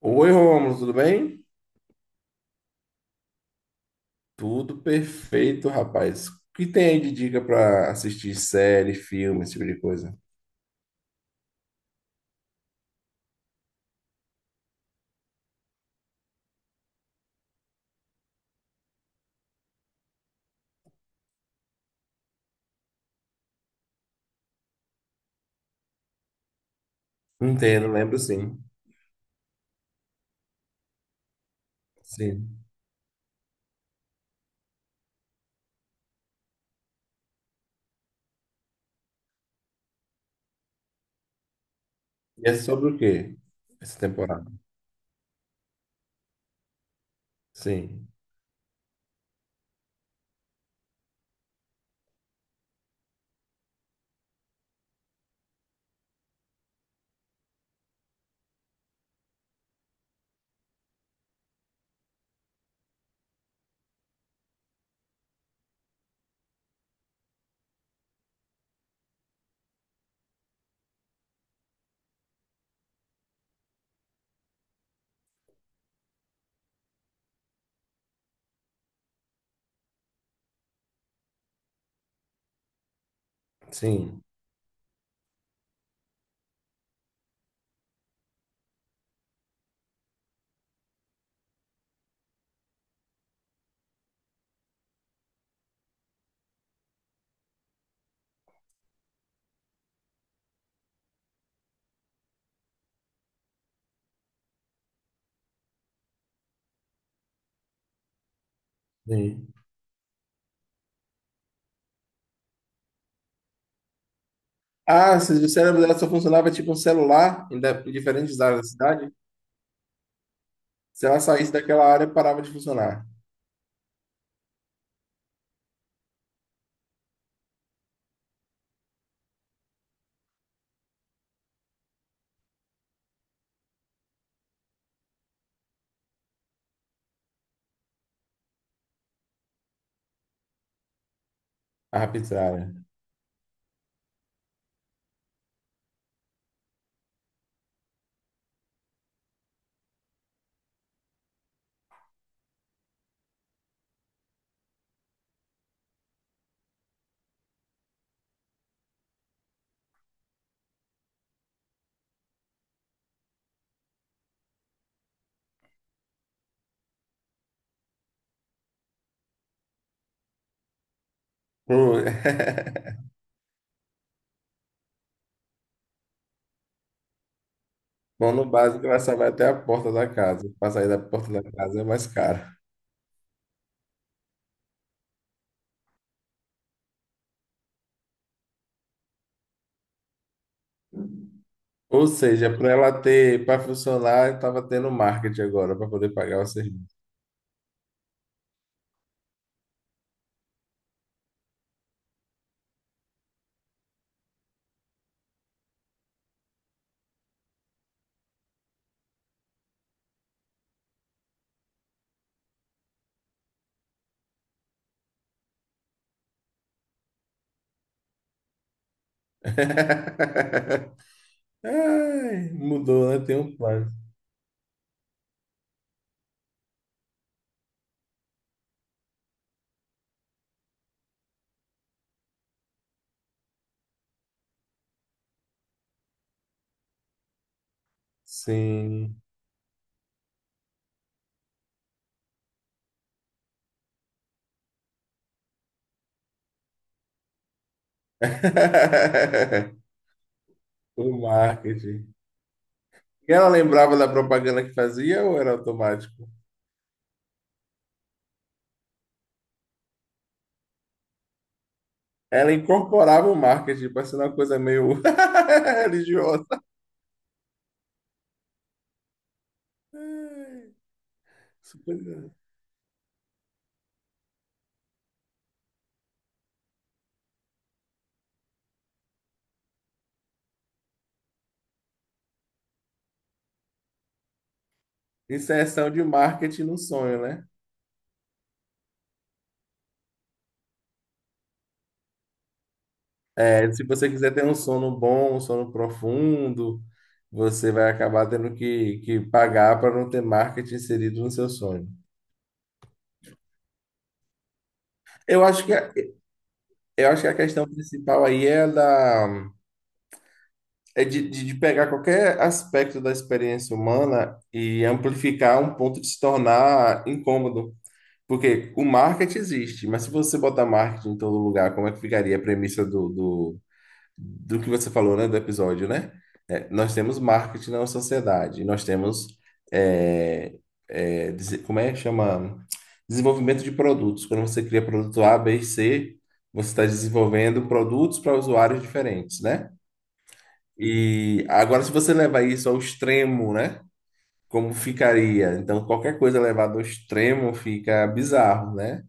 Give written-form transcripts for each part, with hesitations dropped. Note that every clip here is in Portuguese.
Oi, Rômulo, tudo bem? Tudo perfeito, rapaz. O que tem aí de dica pra assistir série, filme, esse tipo de coisa? Entendo, lembro sim. Sim. E é sobre o quê? Essa temporada? Sim. Sim. Sim. Ah, se o cérebro dela só funcionava tipo um celular em diferentes áreas da cidade, se ela saísse daquela área, parava de funcionar. A rapidinha. Pô, Bom, no básico, ela só vai até a porta da casa. Para sair da porta da casa é mais caro. Ou seja, para ela ter, para funcionar, estava tendo marketing agora para poder pagar o serviço. Ai, mudou, né? Tem um plano. Sim. O marketing. E ela lembrava da propaganda que fazia ou era automático? Ela incorporava o marketing, parecendo uma coisa meio religiosa. Ai, super- Inserção de marketing no sonho, né? É, se você quiser ter um sono bom, um sono profundo, você vai acabar tendo que pagar para não ter marketing inserido no seu sonho. Eu acho que a, eu acho que a questão principal aí é da é de, de pegar qualquer aspecto da experiência humana e amplificar um ponto de se tornar incômodo. Porque o marketing existe, mas se você botar marketing em todo lugar, como é que ficaria a premissa do que você falou, né, do episódio, né? É, nós temos marketing na sociedade, nós temos é, é, dese- como é que chama? Desenvolvimento de produtos. Quando você cria produto A, B e C, você está desenvolvendo produtos para usuários diferentes, né? E agora, se você levar isso ao extremo, né? Como ficaria? Então, qualquer coisa levada ao extremo fica bizarro, né?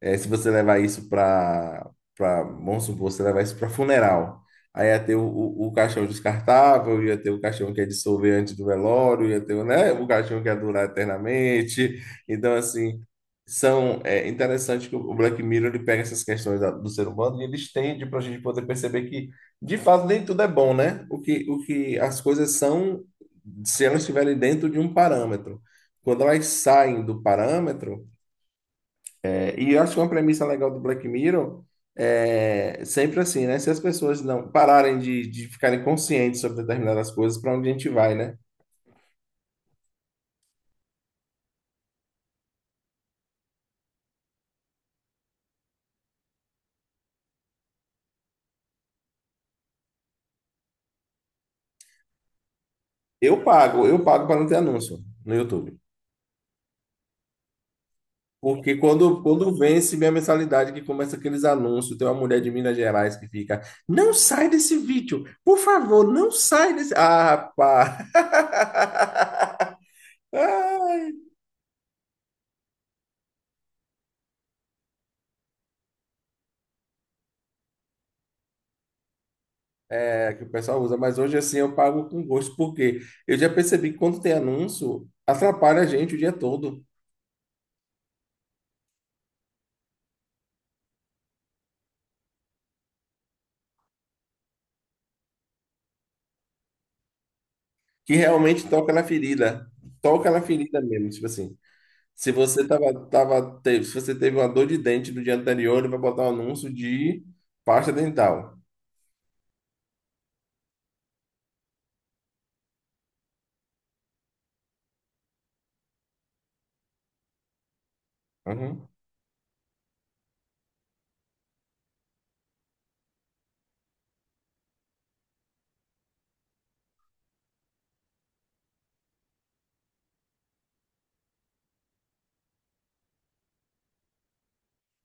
É, se você levar isso para vamos supor, você levar isso para funeral, aí ia ter o caixão descartável, ia ter o caixão que é dissolver antes do velório, ia ter, o, né, o caixão que ia durar eternamente. Então, assim, são, é interessante que o Black Mirror ele pega essas questões da- do ser humano e ele estende para a gente poder perceber que, de fato, nem tudo é bom, né? O que as coisas são, se elas estiverem dentro de um parâmetro. Quando elas saem do parâmetro, e eu acho que uma premissa legal do Black Mirror é sempre assim, né? Se as pessoas não pararem de ficarem conscientes sobre determinadas coisas, para onde a gente vai, né? Eu pago para não ter anúncio no YouTube. Porque quando vence minha mensalidade, que começa aqueles anúncios, tem uma mulher de Minas Gerais que fica, não sai desse vídeo, por favor, não sai desse. Ah, pá! É, que o pessoal usa, mas hoje assim eu pago com gosto, porque eu já percebi que quando tem anúncio, atrapalha a gente o dia todo, que realmente toca na ferida mesmo, tipo assim. Se você se você teve uma dor de dente no dia anterior, ele vai botar um anúncio de pasta dental. Uhum.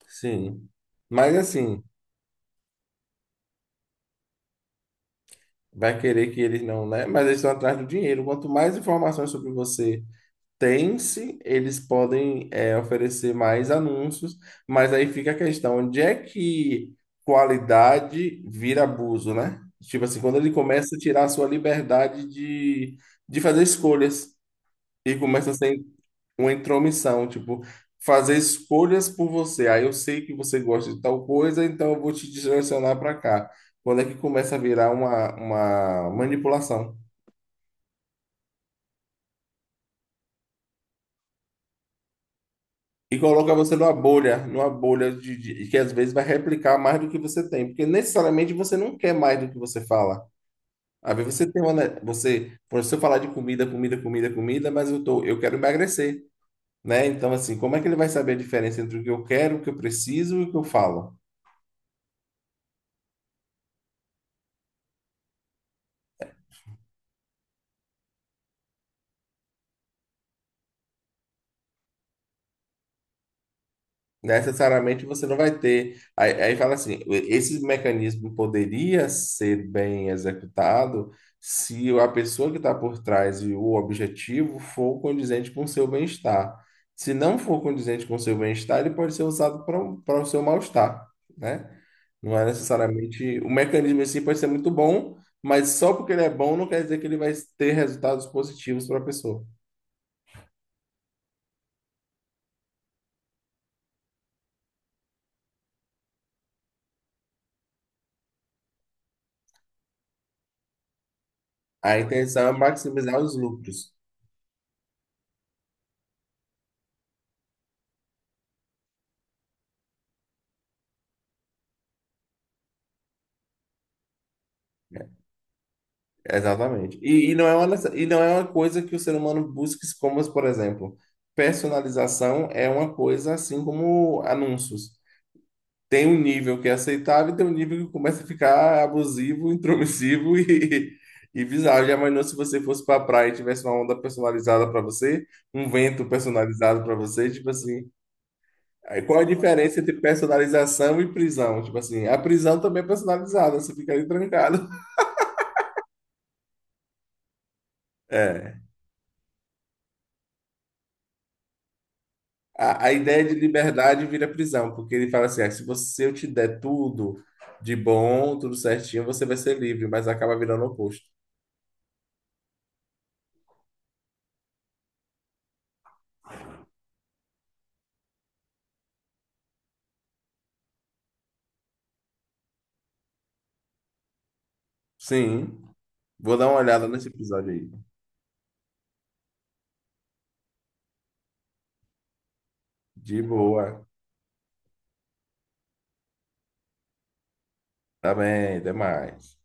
Sim. Mas assim, vai querer que eles não, né? Mas eles estão atrás do dinheiro. Quanto mais informações sobre você tem-se, eles podem é, oferecer mais anúncios, mas aí fica a questão, onde é que qualidade vira abuso, né? Tipo assim, quando ele começa a tirar a sua liberdade de fazer escolhas e começa a ser uma intromissão, tipo, fazer escolhas por você. Aí eu sei que você gosta de tal coisa, então eu vou te direcionar para cá. Quando é que começa a virar uma manipulação? E coloca você numa bolha de- que às vezes vai replicar mais do que você tem, porque necessariamente você não quer mais do que você fala. Às vezes você tem uma, né, você, por se eu falar de comida, comida, comida, comida, mas eu tô, eu quero emagrecer, né? Então assim, como é que ele vai saber a diferença entre o que eu quero, o que eu preciso e o que eu falo? Necessariamente você não vai ter. Aí fala assim: esse mecanismo poderia ser bem executado se a pessoa que está por trás e o objetivo for condizente com o seu bem-estar. Se não for condizente com o seu bem-estar, ele pode ser usado para o seu mal-estar, né? Não é necessariamente. O mecanismo em si pode ser muito bom, mas só porque ele é bom não quer dizer que ele vai ter resultados positivos para a pessoa. A intenção é maximizar os lucros. Exatamente. E não é uma, nece- e não é uma coisa que o ser humano busque, como, por exemplo, personalização é uma coisa assim como anúncios. Tem um nível que é aceitável e tem um nível que começa a ficar abusivo, intromissivo e bizarro. Já imaginou se você fosse para a praia e tivesse uma onda personalizada para você, um vento personalizado para você, tipo assim. Aí qual a diferença entre personalização e prisão? Tipo assim, a prisão também é personalizada, você fica ali trancado. É. A, a ideia de liberdade vira prisão, porque ele fala assim: ah, se você, se eu te der tudo de bom, tudo certinho, você vai ser livre, mas acaba virando o oposto. Sim, vou dar uma olhada nesse episódio aí. De boa. Tá bem, demais.